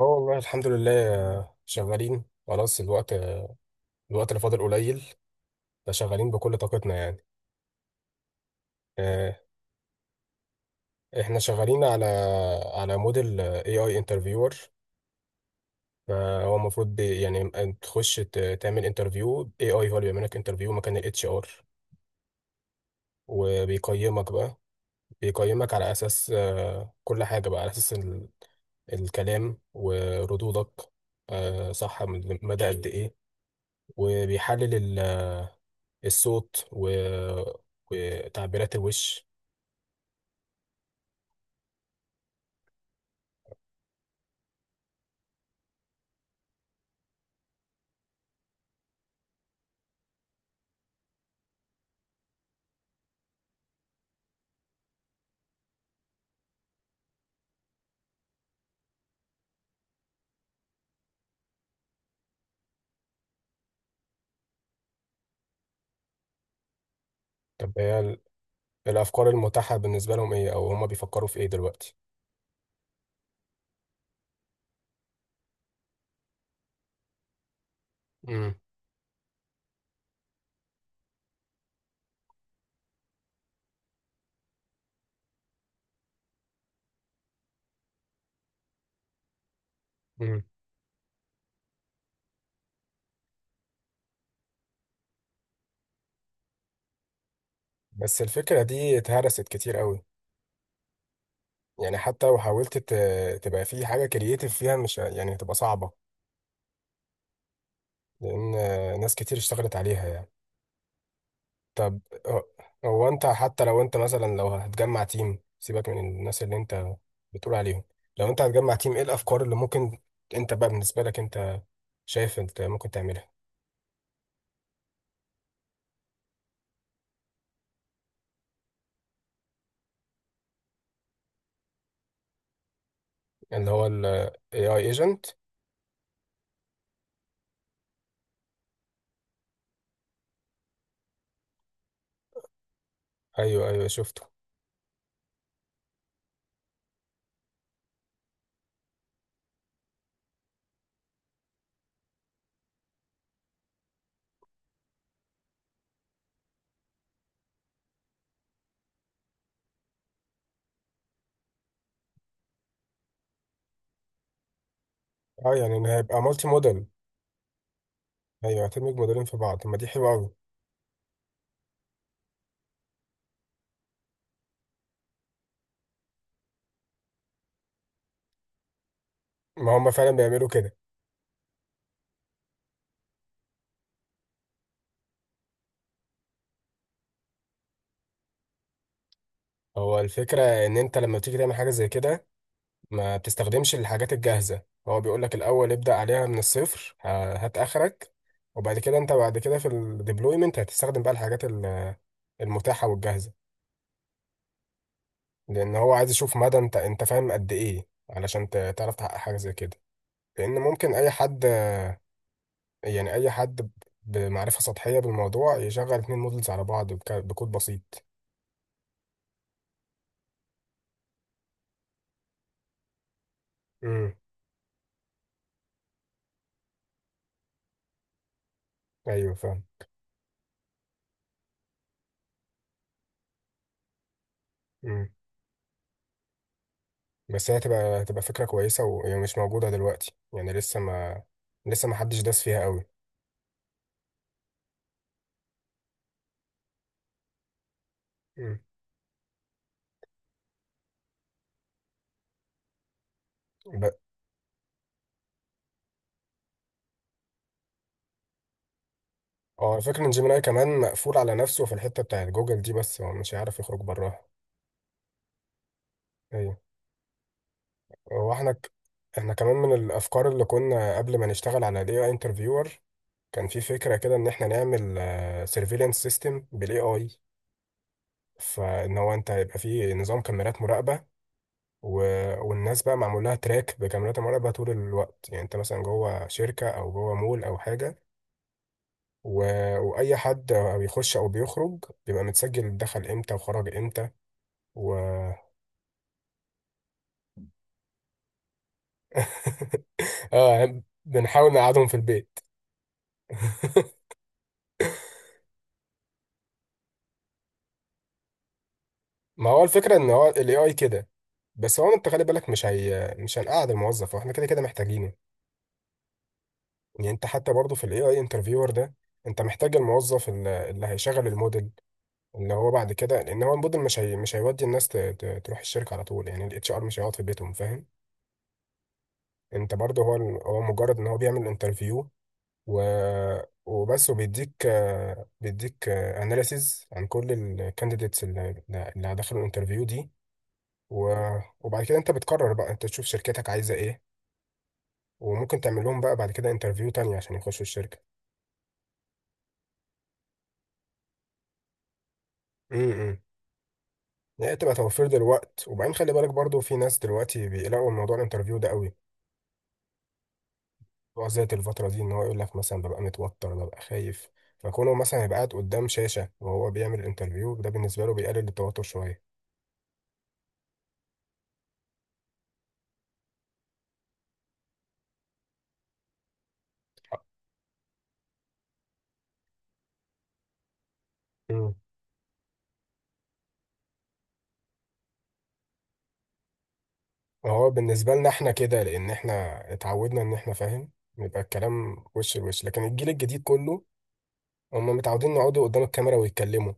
اه والله الحمد لله شغالين خلاص الوقت اللي فاضل قليل. فشغالين بكل طاقتنا يعني آه، احنا شغالين على موديل اي اي انترفيور. فهو المفروض يعني تخش تعمل انترفيو اي اي، هو اللي بيعمل لك انترفيو مكان الاتش ار، وبيقيمك بقى. بيقيمك على اساس كل حاجة بقى على اساس الكلام وردودك، صح، من مدى قد ايه. وبيحلل الصوت و... وتعبيرات الوش. طب، هي الافكار المتاحه بالنسبه لهم ايه، او هما بيفكروا في ايه دلوقتي؟ امم، امم. بس الفكره دي اتهرست كتير قوي. يعني حتى لو حاولت تبقى في حاجه كرييتيف فيها، مش يعني هتبقى صعبه. لان ناس كتير اشتغلت عليها يعني. طب، ه- هو انت حتى لو انت مثلا لو هتجمع تيم، سيبك من الناس اللي انت بتقول عليهم. لو انت هتجمع تيم، ايه الافكار اللي ممكن انت بقى بالنسبه لك انت شايف انت ممكن تعملها؟ اللي هو ال AI agent. ايوه، ايوه، شفته. اه، يعني ان هيبقى مالتي موديل. ايوه، هتدمج موديلين في بعض. طب، ما دي حلوه قوي. ما هم فعلا بيعملوا كده. هو الفكره ان انت لما بتيجي تعمل حاجه زي كده ما بتستخدمش الحاجات الجاهزه. هو بيقول لك الاول ابدا عليها من الصفر، هات اخرك. وبعد كده انت بعد كده في الديبلويمنت هتستخدم بقى الحاجات المتاحه والجاهزه. لان هو عايز يشوف مدى انت فاهم قد ايه علشان تعرف تحقق حاجه زي كده. لان ممكن اي حد، يعني اي حد بمعرفة سطحية بالموضوع يشغل اتنين مودلز على بعض بكود بسيط. امم، ايوه، فاهم. امم. بس هي هتبقى فكرة كويسة وهي مش موجودة دلوقتي، يعني لسه ما حدش داس فيها قوي. امم. ب... اه، الفكرة ان جيميناي كمان مقفول على نفسه في الحتة بتاعت جوجل دي، بس هو مش هيعرف يخرج براها. ايوه. هو احنا كمان من الافكار اللي كنا قبل ما نشتغل على الاي اي انترفيور، كان في فكرة كده ان احنا نعمل سيرفيلانس سيستم بالاي اي. فان هو انت هيبقى فيه نظام كاميرات مراقبه، و... والناس بقى معمول لها تراك بكاميرات المراقبه طول الوقت، يعني انت مثلا جوه شركه او جوه مول او حاجه، و... واي حد بيخش او بيخرج بيبقى متسجل دخل امتى وخرج امتى. و اه، بنحاول نقعدهم في البيت. ما هو الفكره ان هو الاي اي كده. بس هو انت خلي بالك، مش هنقعد الموظف واحنا كده كده محتاجينه. يعني انت حتى برضه في الاي اي انترفيور ده انت محتاج الموظف اللي هيشغل الموديل. اللي هو بعد كده، لان هو الموديل مش هيودي الناس تروح الشركه على طول، يعني الاتش ار مش هيقعد في بيتهم، فاهم؟ انت برضه هو هو مجرد ان هو بيعمل انترفيو و وبس وبيديك آه، بيديك اناليسيز عن كل الكانديديتس اللي دخلوا الانترفيو دي، وبعد كده انت بتقرر بقى، انت تشوف شركتك عايزه ايه. وممكن تعمل لهم بقى بعد كده انترفيو تاني عشان يخشوا الشركه. امم، إن هي تبقى توفير دلوقت. وبعدين خلي بالك برضو، في ناس دلوقتي بيقلقوا من موضوع الانترفيو ده قوي. هو ذات الفترة دي، ان هو يقول لك مثلا ببقى متوتر ببقى خايف. فكونه مثلا يبقى قاعد قدام شاشة وهو بيعمل انترفيو، ده بالنسبة له بيقلل التوتر شوية. امم. هو بالنسبة لنا احنا كده لان احنا اتعودنا ان احنا، فاهم، يبقى الكلام وش لوش، لكن الجيل الجديد كله هم متعودين يقعدوا قدام الكاميرا ويتكلموا،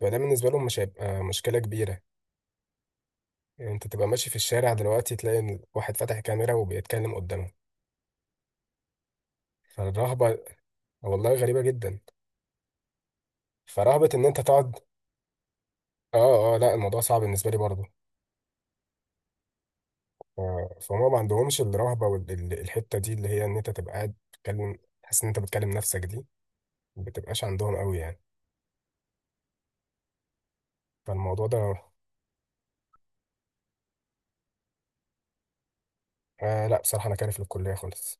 فده بالنسبة لهم مش هيبقى مشكلة كبيرة. يعني انت تبقى ماشي في الشارع دلوقتي تلاقي إن واحد فاتح كاميرا وبيتكلم قدامه. فالرهبة، والله غريبة جدا. فرهبة إن أنت تقعد. آه، آه، لا، الموضوع صعب بالنسبة لي برضه. ف- فهما ما عندهمش الرهبة والحتة دي اللي هي إن أنت تبقى قاعد تتكلم، تحس إن أنت بتكلم نفسك دي، ما بتبقاش عندهم قوي يعني. فالموضوع ده. آه، لا، بصراحة أنا كارف للكلية خالص.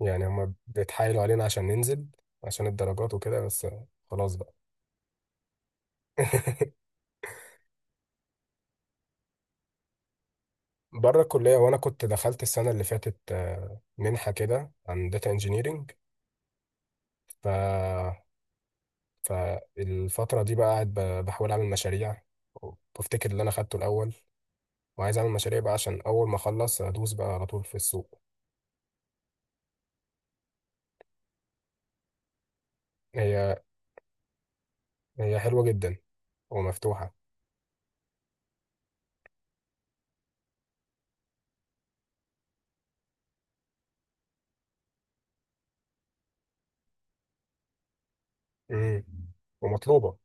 يعني هما بيتحايلوا علينا عشان ننزل عشان الدرجات وكده بس. خلاص بقى. بره الكلية، وأنا كنت دخلت السنة اللي فاتت منحة كده عن داتا انجينيرنج. فالفترة دي بقى قاعد بحاول أعمل مشاريع، وبفتكر اللي أنا خدته الأول، وعايز أعمل مشاريع بقى عشان أول ما أخلص أدوس بقى على طول في السوق. هي هي حلوة جدا ومفتوحة. امم، ومطلوبة.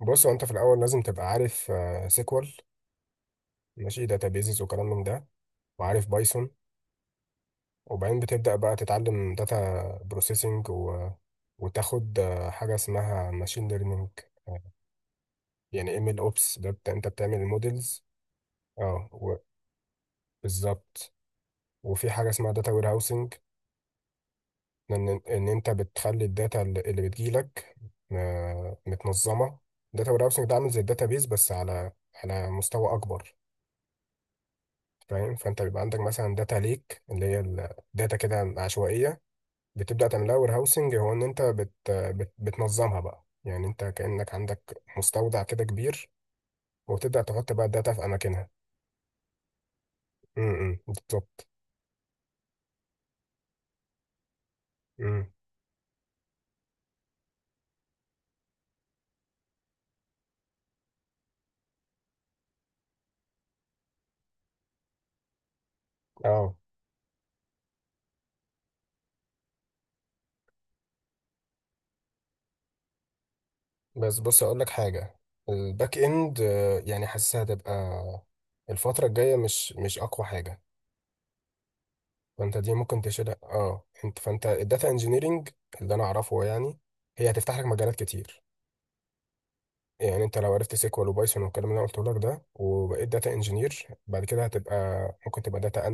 بص، هو أنت في الأول لازم تبقى عارف سيكوال، ماشي، داتابيزز وكلام من ده. وعارف بايثون. وبعدين بتبدأ بقى تتعلم داتا بروسيسنج وتاخد حاجة اسمها ماشين ليرنينج. يعني ام ال اوبس ده، انت بتعمل المودلز. اه، بالظبط. وفي حاجة اسمها داتا وير هاوسنج، ان انت بتخلي الداتا اللي بتجيلك متنظمة. داتا وير هاوسنج ده عامل زي الداتا بيز، بس على مستوى اكبر. فاهم؟ فانت بيبقى عندك مثلا داتا ليك، اللي هي الداتا كده عشوائية. بتبدأ تعملها وير هاوسنج، هو ان انت بت بت بتنظمها بقى، يعني انت كأنك عندك مستودع كده كبير، وتبدأ تحط بقى الداتا في اماكنها. امم، بالظبط. امم. اه. بس بص، اقول لك حاجه. الباك اند يعني حاسسها هتبقى الفتره الجايه مش اقوى حاجه. فانت دي ممكن تشيلها. اه انت، فانت الداتا انجينيرنج اللي انا اعرفه يعني، هي هتفتح لك مجالات كتير. يعني انت لو عرفت سيكوال وبايثون والكلام اللي انا قلته لك ده وبقيت داتا انجينير بعد كده هتبقى ممكن تبقى داتا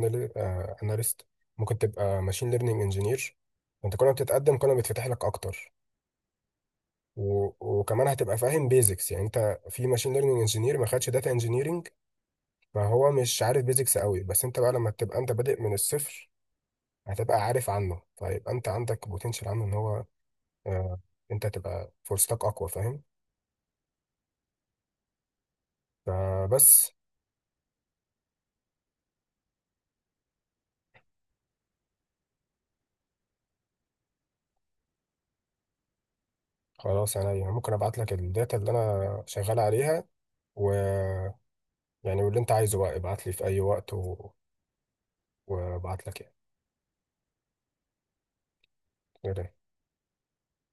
اناليست، ممكن تبقى ماشين ليرنينج انجينير. انت كل ما بتتقدم كل ما بيتفتح لك اكتر. و... وكمان هتبقى فاهم بيزكس، يعني انت في ماشين ليرنينج انجينير ما خدش داتا انجينيرنج، ما هو مش عارف بيزكس قوي، بس انت بقى لما تبقى انت بادئ من الصفر هتبقى عارف عنه، فيبقى انت عندك بوتنشال عنه ان هو آه انت تبقى فرصتك اقوى، فاهم؟ فبس. خلاص، انا يعني ممكن ابعت لك الداتا اللي انا شغال عليها. و يعني، واللي انت عايزه بقى ابعت لي في اي وقت و... وابعت لك يعني.